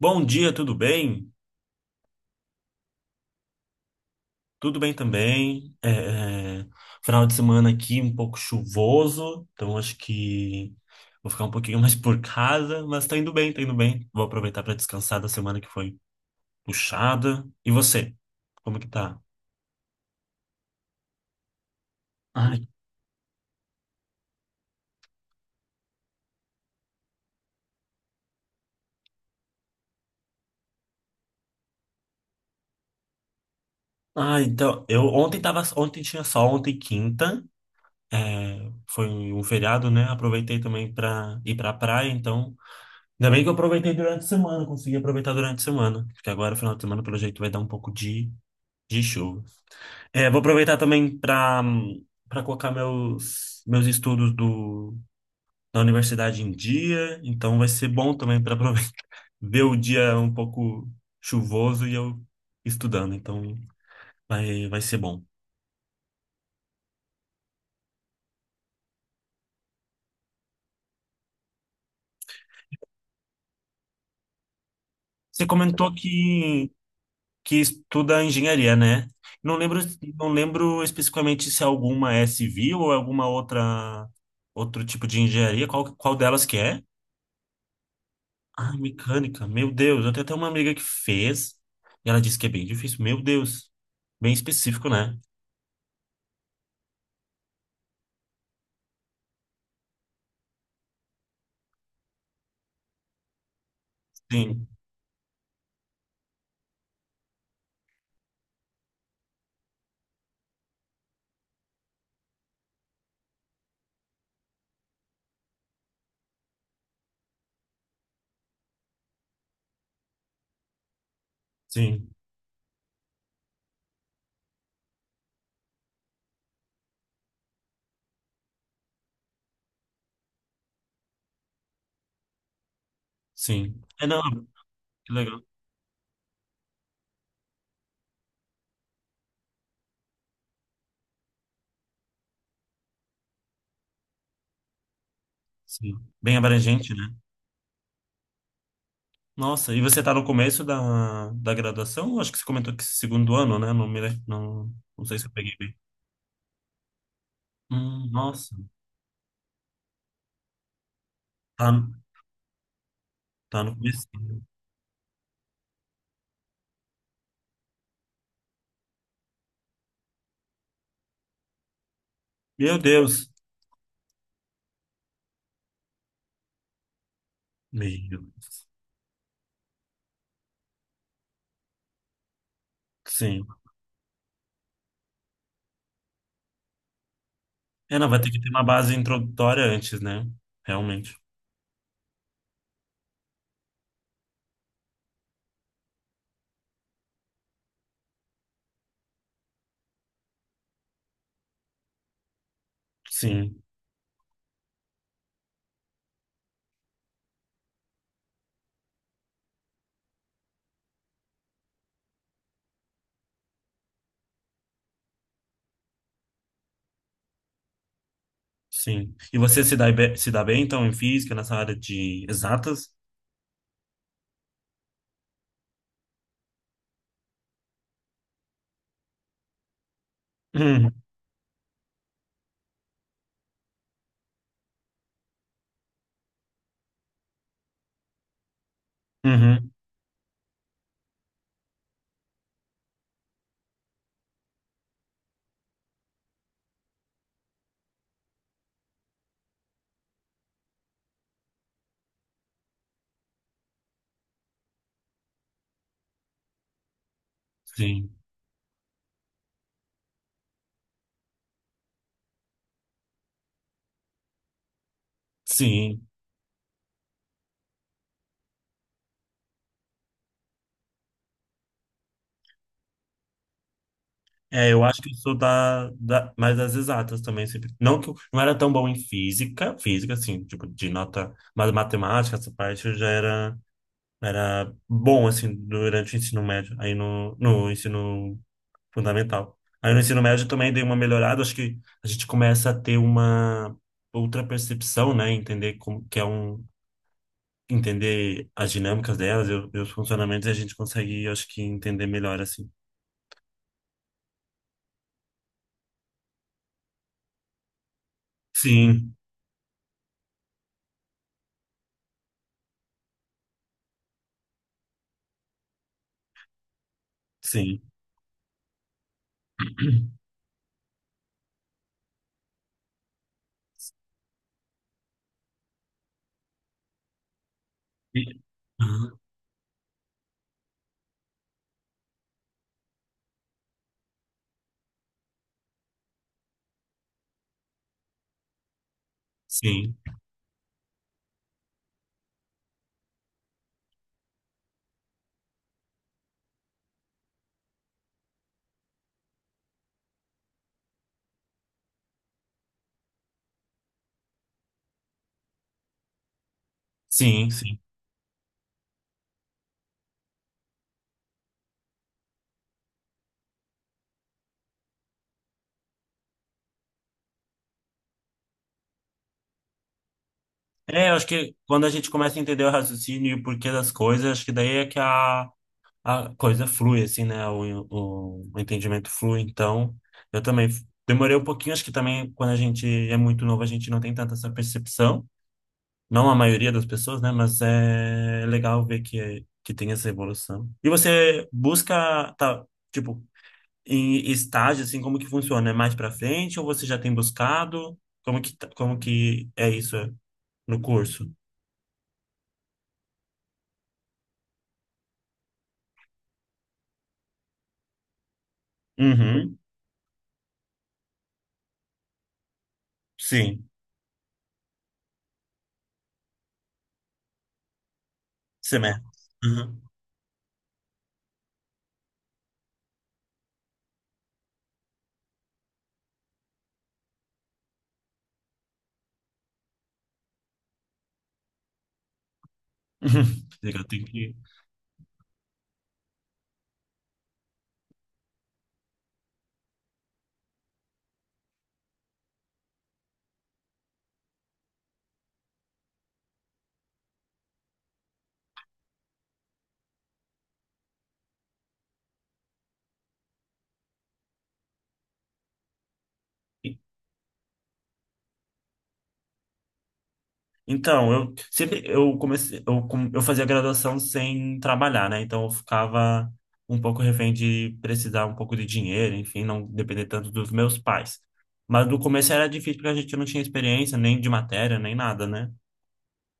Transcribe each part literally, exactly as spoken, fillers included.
Bom dia, tudo bem? Tudo bem também. É, é, final de semana aqui um pouco chuvoso, então acho que vou ficar um pouquinho mais por casa, mas tá indo bem, tá indo bem. Vou aproveitar para descansar da semana que foi puxada. E você? Como que tá? Ai, ai, então, eu ontem tava, ontem tinha sol, ontem quinta, é, foi um feriado, né? Aproveitei também para ir pra praia, então ainda bem que eu aproveitei durante a semana, consegui aproveitar durante a semana, porque agora, final de semana, pelo jeito, vai dar um pouco de De show. É, vou aproveitar também para para colocar meus meus estudos do, da universidade em dia, então vai ser bom também para aproveitar ver o dia um pouco chuvoso e eu estudando, então vai vai ser bom. Você comentou que que estuda engenharia, né? Não lembro não lembro especificamente se é alguma é civil ou é alguma outra outro tipo de engenharia, qual qual delas que é? Ah, mecânica, meu Deus. Eu tenho até uma amiga que fez e ela disse que é bem difícil. Meu Deus. Bem específico, né? Sim, sim, sim. É, não, que legal. Sim. Bem abrangente, né? Nossa, e você tá no começo da, da graduação? Acho que você comentou que segundo ano, né? Não, me le- não, não sei se eu peguei bem. Hum, nossa, tá, tá no começo. Meu Deus. Meu Deus. Sim. É, não, vai ter que ter uma base introdutória antes, né? Realmente. Sim. Sim. E você se dá, be- se dá bem, então, em física, nessa área de exatas? Uhum. Uhum. Sim. Sim. É, eu acho que eu sou da, da, mais das exatas também, sempre. Não que eu não era tão bom em física, física, assim, tipo, de nota, mas matemática, essa parte eu já era, era bom, assim, durante o ensino médio, aí no, no ensino fundamental. Aí no ensino médio também dei uma melhorada, acho que a gente começa a ter uma outra percepção, né? Entender como que é um entender as dinâmicas delas e o- e os funcionamentos, e a gente consegue, acho que, entender melhor, assim. Sim, sim. E- Aham, sim, sim, sim. É, eu acho que quando a gente começa a entender o raciocínio e o porquê das coisas, acho que daí é que a, a coisa flui, assim, né? O, o, o entendimento flui. Então, eu também f- demorei um pouquinho, acho que também quando a gente é muito novo, a gente não tem tanta essa percepção. Não a maioria das pessoas, né? Mas é legal ver que, que tem essa evolução. E você busca, tá, tipo, em estágio, assim, como que funciona? É mais pra frente ou você já tem buscado? Como que, tá- como que é isso é, no curso? Uhum, sim, semestre. Uhum. Legal, tem que... Então, eu sempre eu comecei eu, com- eu fazia graduação sem trabalhar, né? Então eu ficava um pouco refém de precisar um pouco de dinheiro, enfim, não depender tanto dos meus pais. Mas no começo era difícil porque a gente não tinha experiência nem de matéria, nem nada, né?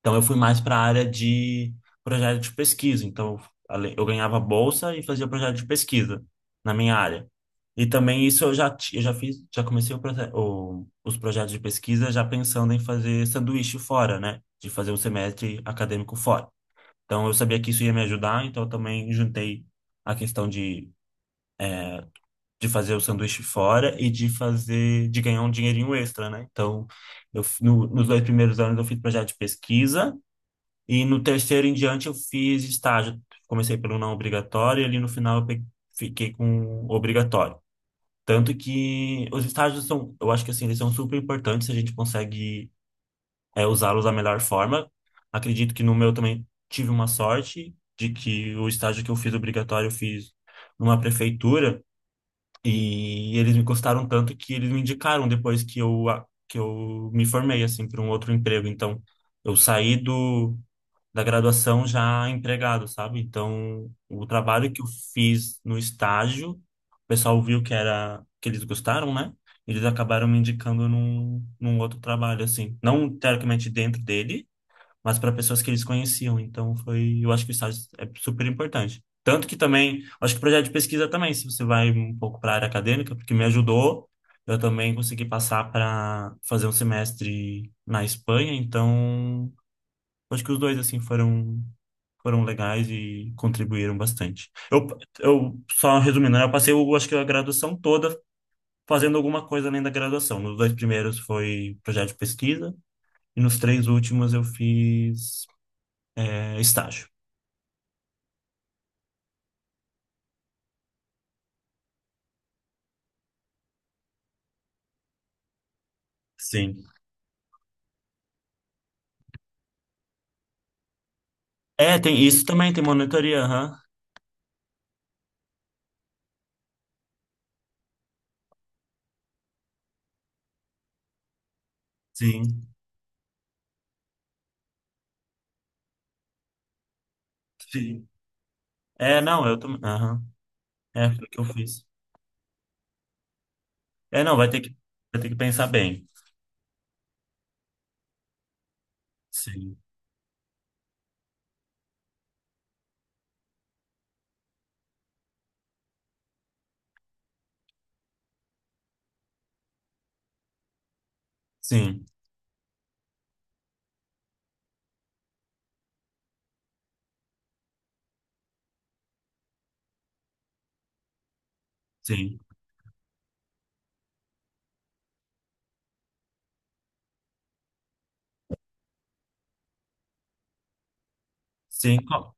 Então eu fui mais para a área de projeto de pesquisa. Então ale- eu ganhava bolsa e fazia projeto de pesquisa na minha área. E também isso eu já ti- eu já fiz, já comecei o, proce- o- os projetos de pesquisa já pensando em fazer sanduíche fora, né? De fazer um semestre acadêmico fora. Então eu sabia que isso ia me ajudar, então eu também juntei a questão de de fazer o sanduíche fora e de fazer de ganhar um dinheirinho extra, né? Então eu f- no- nos dois primeiros anos eu fiz projeto de pesquisa e no terceiro em diante eu fiz estágio. Comecei pelo não obrigatório e ali no final eu pe- fiquei com o obrigatório. Tanto que os estágios são, eu acho que assim, eles são super importantes, a gente consegue é, usá-los da melhor forma. Acredito que no meu também tive uma sorte de que o estágio que eu fiz obrigatório eu fiz numa prefeitura e eles me gostaram tanto que eles me indicaram depois que eu, a- que eu me formei assim para um outro emprego. Então, eu saí do da graduação já empregado, sabe? Então, o trabalho que eu fiz no estágio, o pessoal viu que era que eles gostaram, né? Eles acabaram me indicando num, num outro trabalho, assim. Não teoricamente dentro dele, mas para pessoas que eles conheciam. Então, foi, eu acho que o estágio é super importante. Tanto que também, acho que o projeto de pesquisa também, se você vai um pouco para a área acadêmica, porque me ajudou, eu também consegui passar para fazer um semestre na Espanha, então acho que os dois, assim, foram, foram legais e contribuíram bastante. Eu, eu só resumindo, né, eu passei, eu acho que a graduação toda fazendo alguma coisa além da graduação. Nos dois primeiros foi projeto de pesquisa e nos três últimos eu fiz, é, estágio. Sim. É, tem isso também, tem monitoria, aham. Sim. Sim. É, não, eu também, aham. É, foi o que eu fiz. É, não, vai ter que, vai ter que pensar bem. Sim. Sim. Sim. Sim. Qual-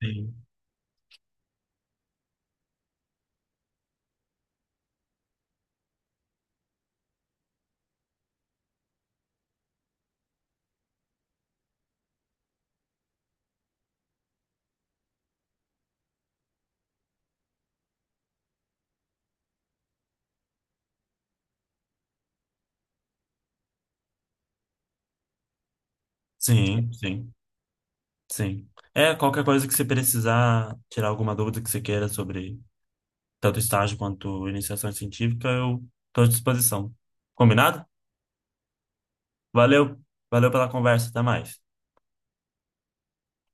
Sim. Sim. Sim. Sim. É, qualquer coisa que você precisar tirar alguma dúvida que você queira sobre tanto estágio quanto iniciação científica, eu estou à disposição. Combinado? Valeu, valeu pela conversa, até mais.